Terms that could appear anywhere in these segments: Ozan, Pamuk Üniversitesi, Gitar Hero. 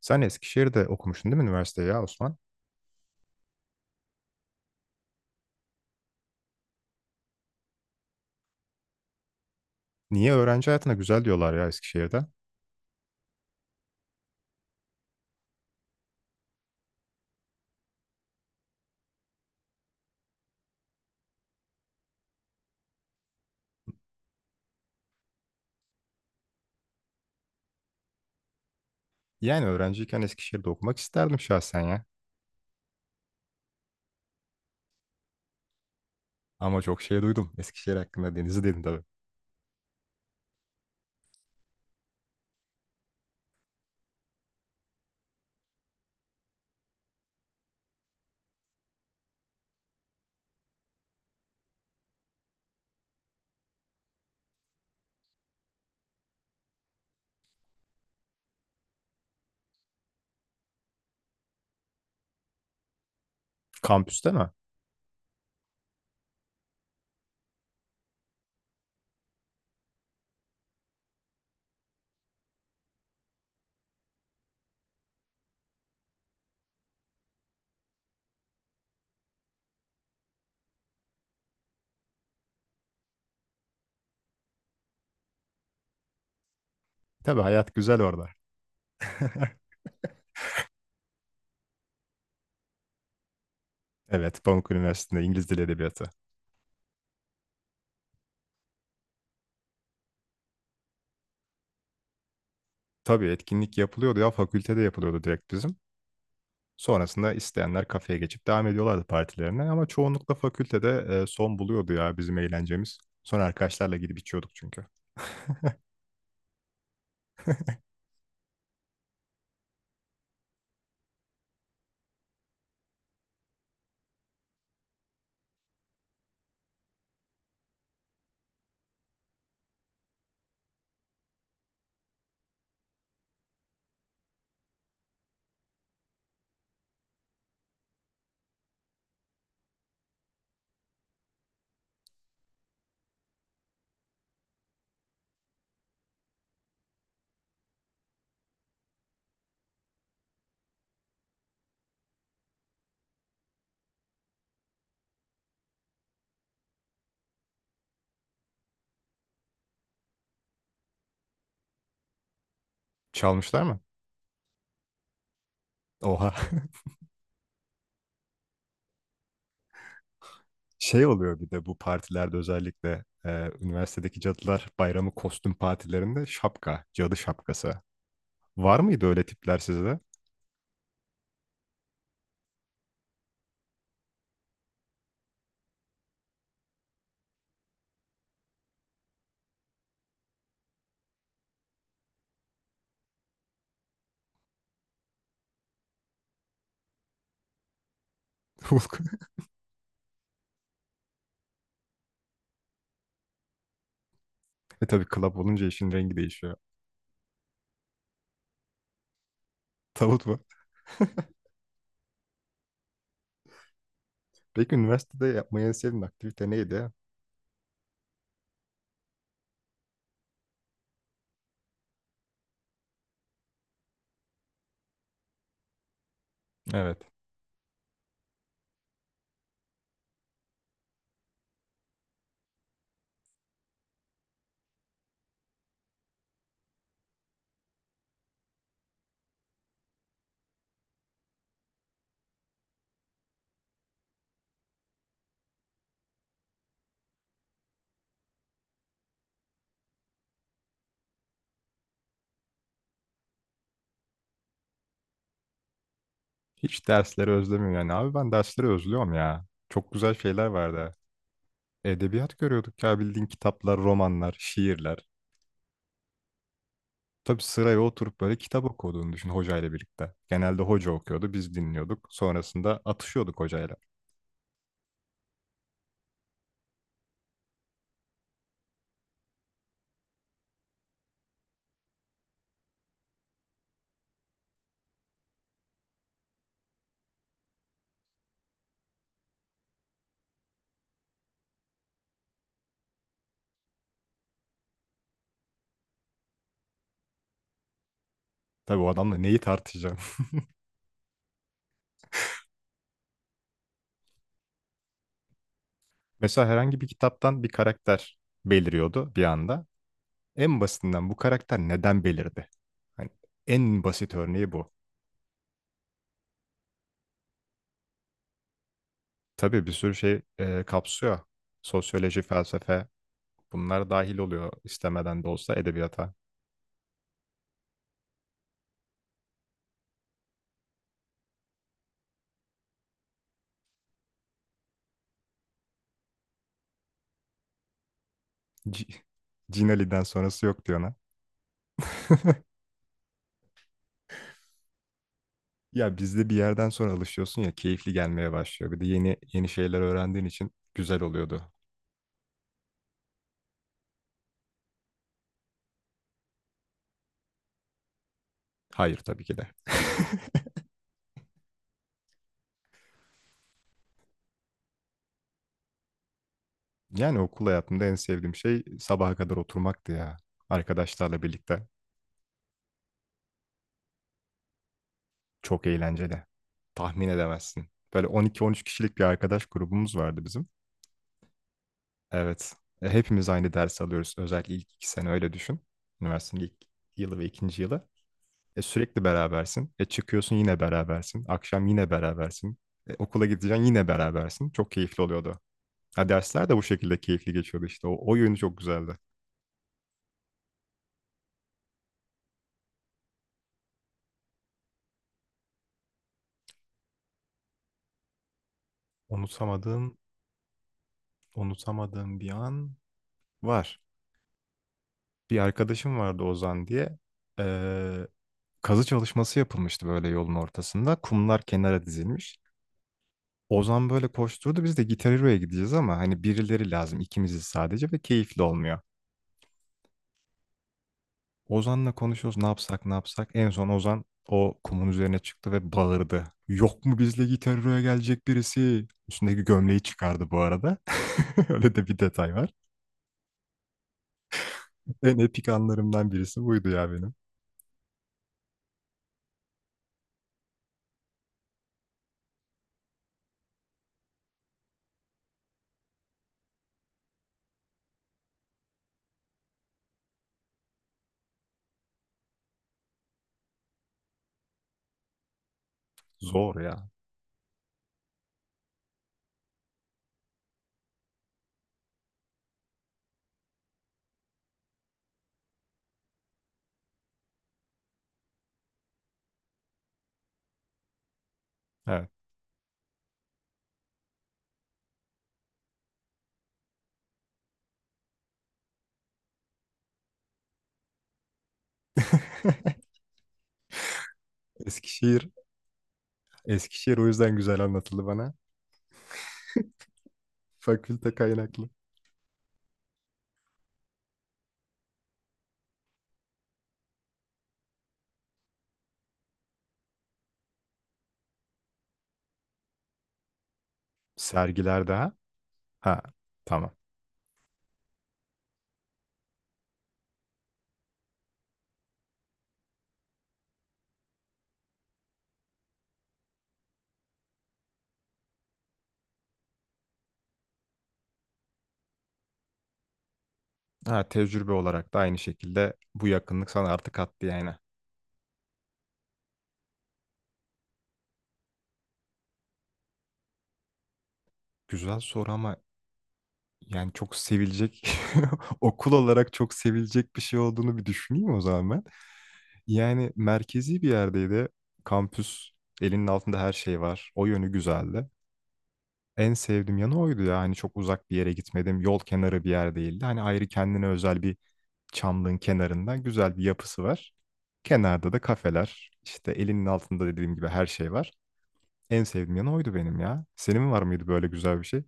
Sen Eskişehir'de okumuştun değil mi üniversiteyi ya Osman? Niye öğrenci hayatına güzel diyorlar ya Eskişehir'de? Yani öğrenciyken Eskişehir'de okumak isterdim şahsen ya. Ama çok şey duydum Eskişehir hakkında Deniz'i dedim tabii. Kampüste mi? Tabii hayat güzel orada. Evet, Pamuk Üniversitesi'nde İngiliz Dili Edebiyatı. Tabii etkinlik yapılıyordu ya fakültede yapılıyordu direkt bizim. Sonrasında isteyenler kafeye geçip devam ediyorlardı partilerine ama çoğunlukla fakültede son buluyordu ya bizim eğlencemiz. Sonra arkadaşlarla gidip içiyorduk çünkü. Çalmışlar mı? Oha. Şey oluyor bir de bu partilerde özellikle üniversitedeki cadılar bayramı kostüm partilerinde şapka, cadı şapkası. Var mıydı öyle tipler sizde? Hulk. E tabii club olunca işin rengi değişiyor. Tavut mu? Peki üniversitede yapmayı en sevdiğin aktivite neydi? Evet. Hiç dersleri özlemiyorum yani. Abi ben dersleri özlüyorum ya. Çok güzel şeyler vardı. Edebiyat görüyorduk ya bildiğin kitaplar, romanlar, şiirler. Tabii sıraya oturup böyle kitap okuduğunu düşün hocayla birlikte. Genelde hoca okuyordu, biz dinliyorduk. Sonrasında atışıyorduk hocayla. Tabii o adamla neyi tartışacağım? Mesela herhangi bir kitaptan bir karakter beliriyordu bir anda. En basitinden bu karakter neden belirdi? Hani en basit örneği bu. Tabii bir sürü şey kapsıyor. Sosyoloji, felsefe bunlar dahil oluyor istemeden de olsa edebiyata. C- Cin sonrası yok diyor ona. Ya bizde bir yerden sonra alışıyorsun ya keyifli gelmeye başlıyor. Bir de yeni yeni şeyler öğrendiğin için güzel oluyordu. Hayır tabii ki de. Yani okul hayatımda en sevdiğim şey sabaha kadar oturmaktı ya. Arkadaşlarla birlikte. Çok eğlenceli. Tahmin edemezsin. Böyle 12-13 kişilik bir arkadaş grubumuz vardı bizim. Evet. Hepimiz aynı ders alıyoruz. Özellikle ilk iki sene öyle düşün. Üniversitenin ilk yılı ve ikinci yılı. Sürekli berabersin. Çıkıyorsun yine berabersin. Akşam yine berabersin. Okula gideceksin yine berabersin. Çok keyifli oluyordu. Ha, dersler de bu şekilde keyifli geçiyordu işte. O yönü çok güzeldi. Unutamadığım, unutamadığım bir an var. Bir arkadaşım vardı Ozan diye. Ee, kazı çalışması yapılmıştı böyle yolun ortasında. Kumlar kenara dizilmiş. Ozan böyle koşturdu. Biz de Gitar Hero'ya gideceğiz ama hani birileri lazım ikimiziz sadece ve keyifli olmuyor. Ozan'la konuşuyoruz ne yapsak ne yapsak. En son Ozan o kumun üzerine çıktı ve bağırdı. Yok mu bizle Gitaro'ya gelecek birisi? Üstündeki gömleği çıkardı bu arada. Öyle de bir detay var. En epik anlarımdan birisi buydu ya benim. Zor ya. Evet. Eskişehir, Eskişehir o yüzden güzel anlatıldı bana. Fakülte kaynaklı. Sergiler daha. Ha, tamam. Ha, tecrübe olarak da aynı şekilde bu yakınlık sana artık attı yani. Güzel soru ama yani çok sevilecek okul olarak çok sevilecek bir şey olduğunu bir düşüneyim o zaman ben. Yani merkezi bir yerdeydi. Kampüs elinin altında her şey var. O yönü güzeldi. En sevdiğim yanı oydu ya. Hani çok uzak bir yere gitmedim. Yol kenarı bir yer değildi. Hani ayrı kendine özel bir çamlığın kenarında güzel bir yapısı var. Kenarda da kafeler. İşte elinin altında dediğim gibi her şey var. En sevdiğim yanı oydu benim ya. Senin var mıydı böyle güzel bir şey?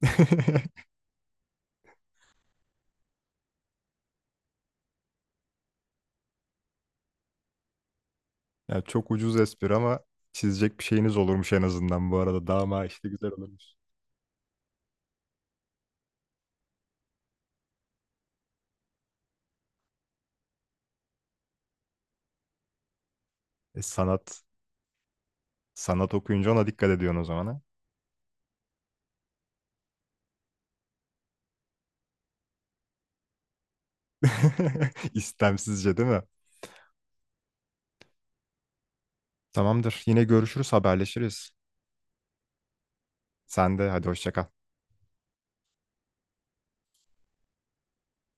Ya çok ucuz espri ama çizecek bir şeyiniz olurmuş en azından bu arada. Daha işte güzel olurmuş. E, sanat. Sanat okuyunca ona dikkat ediyorsun o zaman ha. İstemsizce değil mi? Tamamdır. Yine görüşürüz, haberleşiriz. Sen de hadi hoşça kal.